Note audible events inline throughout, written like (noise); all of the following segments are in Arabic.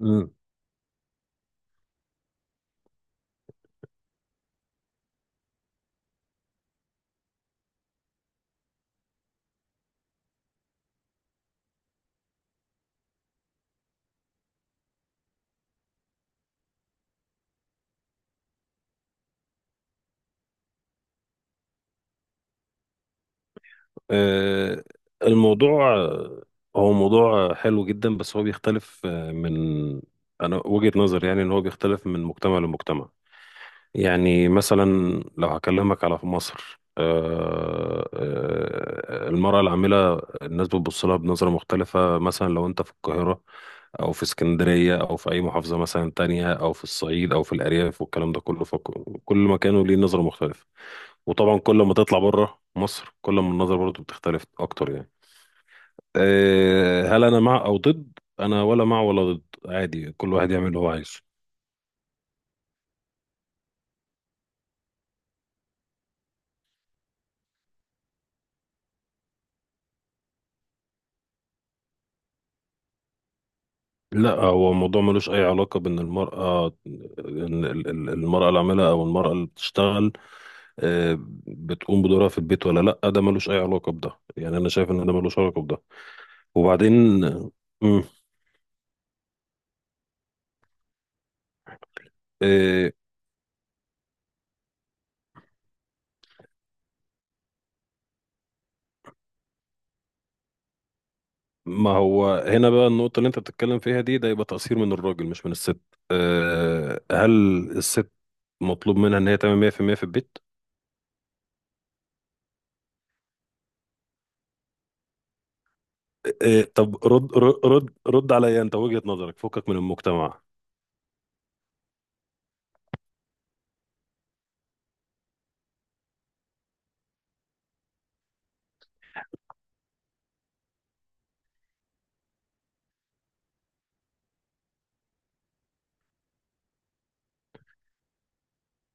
مم. آه، الموضوع هو موضوع حلو جدا، بس هو بيختلف من انا وجهة نظري يعني ان هو بيختلف من مجتمع لمجتمع. يعني مثلا لو هكلمك على في مصر، المرأة العاملة، الناس بتبص لها بنظرة مختلفة. مثلا لو انت في القاهرة او في اسكندرية او في اي محافظة مثلا تانية او في الصعيد او في الارياف والكلام ده كله، فكل مكان ليه نظرة مختلفة. وطبعا كل ما تطلع بره مصر كل ما النظرة برضو بتختلف اكتر يعني. أه، هل انا مع او ضد؟ انا ولا مع ولا ضد، عادي كل واحد يعمل اللي هو عايزه. لا، هو الموضوع ملوش اي علاقة بان المرأة، المرأة العاملة او المرأة اللي بتشتغل أه بتقوم بدورها في البيت ولا لا، ده ملوش اي علاقة بده. يعني انا شايف ان ده ملوش علاقة بده. وبعدين مم. آه، ما هو هنا بقى النقطة اللي انت بتتكلم فيها دي، ده يبقى تقصير من الراجل مش من الست. أه، هل الست مطلوب منها ان هي تعمل 100% في المية في البيت؟ أه طب رد رد عليا انت، وجهة نظرك، فكك من المجتمع.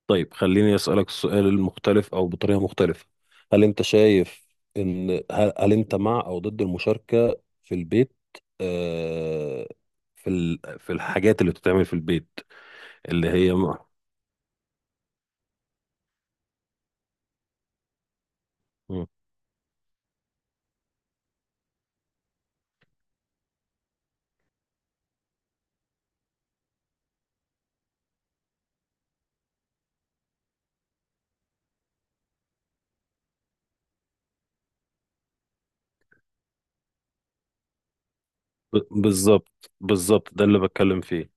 طيب خليني اسألك السؤال المختلف او بطريقة مختلفة. هل انت شايف ان هل انت مع او ضد المشاركة في البيت؟ أه في ال... في الحاجات اللي بتتعمل في البيت، اللي هي مع بالظبط، ده اللي بتكلم فيه.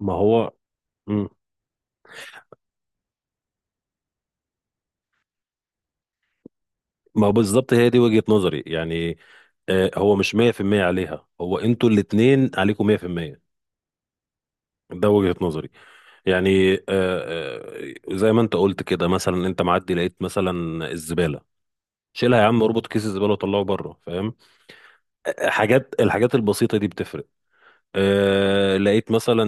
ما هو مم. ما هو بالظبط هي دي وجهة نظري يعني. هو مش 100% عليها، هو انتوا الاتنين عليكم 100%. ده وجهة نظري. يعني زي ما انت قلت كده، مثلا انت معدي لقيت مثلا الزبالة، شيلها يا عم، اربط كيس الزبالة وطلعه بره، فاهم؟ الحاجات البسيطة دي بتفرق. أه لقيت مثلا،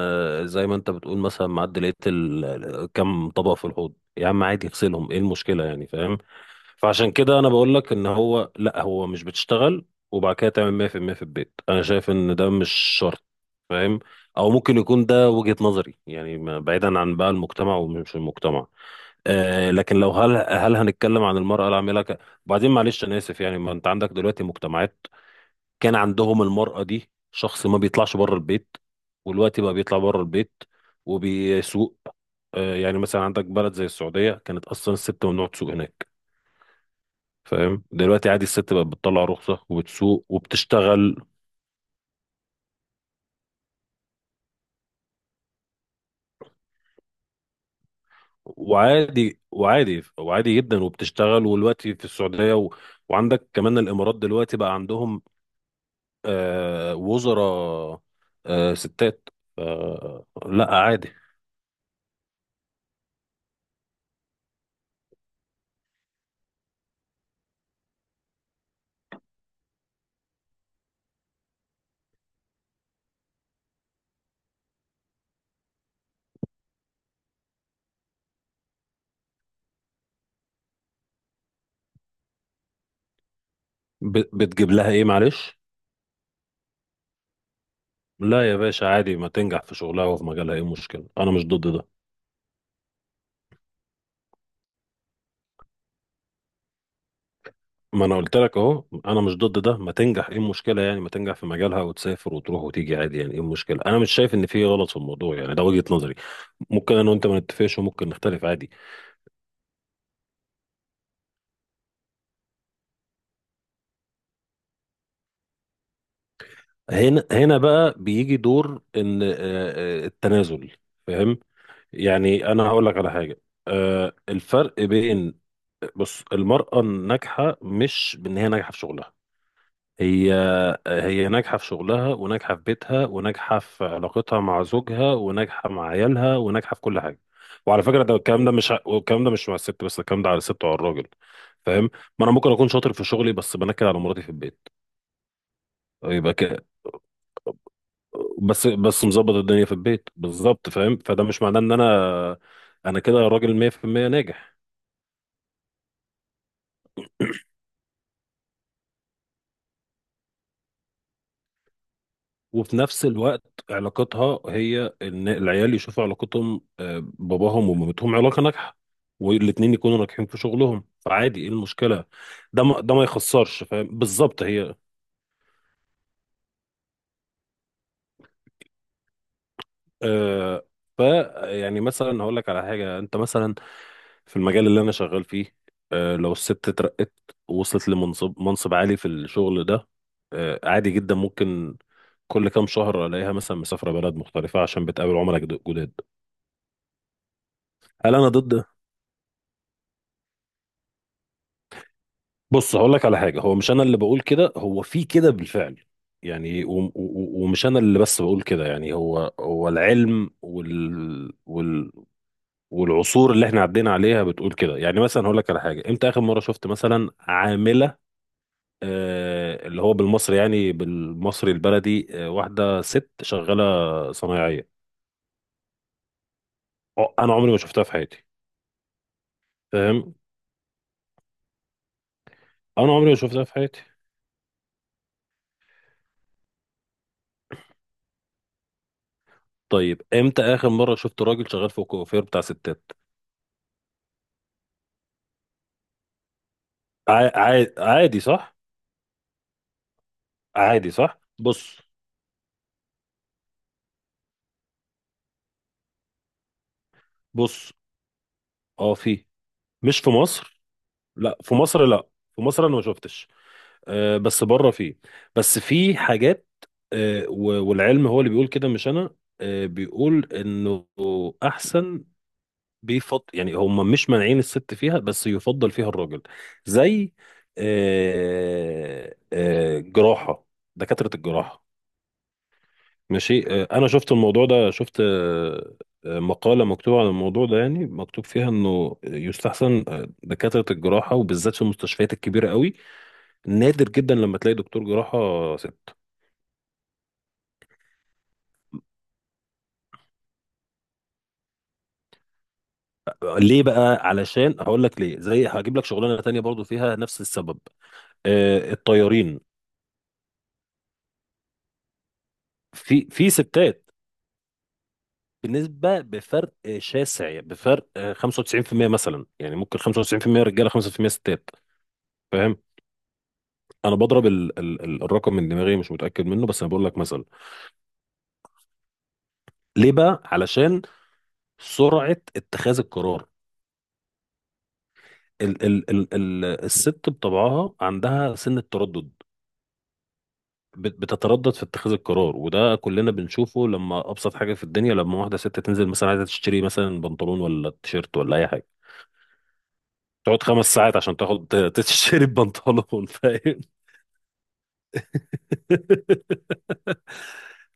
زي ما انت بتقول، مثلا معدي لقيت كم طبق في الحوض، يا عم عادي اغسلهم، ايه المشكله يعني، فاهم؟ فعشان كده انا بقول لك ان هو، لا هو مش بتشتغل وبعد كده تعمل 100% في المية في البيت، انا شايف ان ده مش شرط، فاهم؟ او ممكن يكون ده وجهه نظري يعني، بعيدا عن بقى المجتمع ومش المجتمع. أه لكن لو هل هنتكلم عن المراه العامله وبعدين معلش انا اسف يعني، ما انت عندك دلوقتي مجتمعات كان عندهم المرأة دي شخص ما بيطلعش بره البيت، والوقت بقى بيطلع بره البيت وبيسوق. يعني مثلا عندك بلد زي السعودية، كانت أصلا الست ممنوع تسوق هناك، فاهم؟ دلوقتي عادي الست بقت بتطلع رخصة وبتسوق وبتشتغل، وعادي جدا وبتشتغل والوقت في السعودية و... وعندك كمان الإمارات دلوقتي بقى عندهم وزراء ستات، لا عادي. بتجيب لها إيه معلش؟ لا يا باشا عادي، ما تنجح في شغلها وفي مجالها، ايه المشكلة؟ انا مش ضد ده. ما انا قلت لك اهو، انا مش ضد ده، ما تنجح ايه المشكلة يعني، ما تنجح في مجالها وتسافر وتروح وتيجي عادي، يعني ايه المشكلة؟ انا مش شايف ان في غلط في الموضوع يعني، ده وجهة نظري. ممكن انا وانت ما نتفقش وممكن نختلف عادي. هنا بقى بيجي دور ان التنازل، فاهم؟ يعني انا هقول لك على حاجة، آه، الفرق بين بص، المرأة الناجحة مش بان هي ناجحة في شغلها، هي هي ناجحة في شغلها وناجحة في بيتها وناجحة في علاقتها مع زوجها وناجحة مع عيالها وناجحة في كل حاجة. وعلى فكرة ده الكلام ده مش، والكلام ده مش مع الست بس، الكلام ده على الست وعلى الراجل، فاهم؟ ما انا ممكن اكون شاطر في شغلي بس بنكد على مراتي في البيت، يبقى كده بس مظبط الدنيا في البيت بالظبط، فاهم؟ فده مش معناه ان انا كده راجل 100% ناجح. وفي نفس الوقت علاقتها هي ان العيال يشوفوا علاقتهم باباهم ومامتهم علاقه ناجحه، والاتنين يكونوا ناجحين في شغلهم، فعادي ايه المشكله؟ ده ما يخسرش فاهم، بالظبط هي آه ف، يعني مثلا هقول لك على حاجه. انت مثلا في المجال اللي انا شغال فيه، آه لو الست اترقت وصلت لمنصب عالي في الشغل ده، آه عادي جدا، ممكن كل كام شهر الاقيها مثلا مسافره بلد مختلفه عشان بتقابل عملاء جداد. هل انا ضد؟ بص هقول لك على حاجه، هو مش انا اللي بقول كده، هو في كده بالفعل. يعني ومش انا اللي بس بقول كده يعني، هو هو العلم وال والعصور اللي احنا عدينا عليها بتقول كده. يعني مثلا هقول لك على حاجه، امتى اخر مره شفت مثلا عامله آه، اللي هو بالمصري يعني بالمصري البلدي، آه واحده ست شغاله صنايعيه؟ أه، انا عمري ما شفتها في حياتي، فاهم؟ انا عمري ما شفتها في حياتي. طيب امتى اخر مره شفت راجل شغال في الكوافير بتاع ستات؟ عادي صح؟ عادي صح. بص بص اه في، مش في مصر، لا في مصر لا، في مصر انا ما شفتش، آه بس بره في. بس في حاجات، آه والعلم هو اللي بيقول كده مش انا، آه بيقول انه احسن، بيفضل يعني، هم مش مانعين الست فيها بس يفضل فيها الراجل. زي آه جراحة، دكاترة الجراحة. ماشي، انا شفت الموضوع ده، شفت مقالة مكتوبة عن الموضوع ده، يعني مكتوب فيها انه يستحسن دكاترة الجراحة، وبالذات في المستشفيات الكبيرة قوي، نادر جدا لما تلاقي دكتور جراحة ست. ليه بقى؟ علشان، هقول لك ليه، زي هجيب لك شغلانة تانية برضو فيها نفس السبب: الطيارين. في في ستات بنسبة، بفرق شاسع، بفرق 95% مثلا يعني، ممكن 95% رجالة 5% ستات، فاهم؟ انا بضرب ال ال ال الرقم من دماغي مش متاكد منه، بس انا بقول لك مثلا. ليه بقى؟ علشان سرعه اتخاذ القرار. ال ال ال ال الست بطبعها عندها سن التردد، بتتردد في اتخاذ القرار، وده كلنا بنشوفه. لما ابسط حاجه في الدنيا، لما واحده ست تنزل مثلا عايزه تشتري مثلا بنطلون ولا تيشيرت ولا اي حاجه، تقعد 5 ساعات عشان تاخد (laughs) تشتري بنطلون، فاهم؟ (laughs)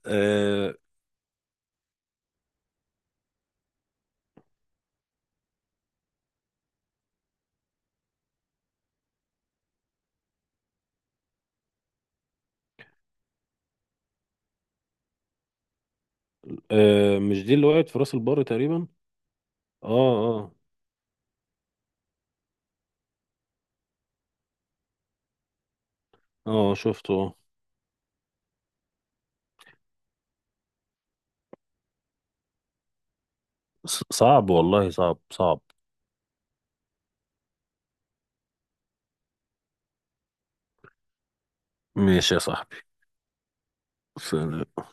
آه آه مش دي اللي وقعت في راس البر تقريبا؟ اه اه اه شفته. صعب والله، صعب. ماشي يا صاحبي. ف-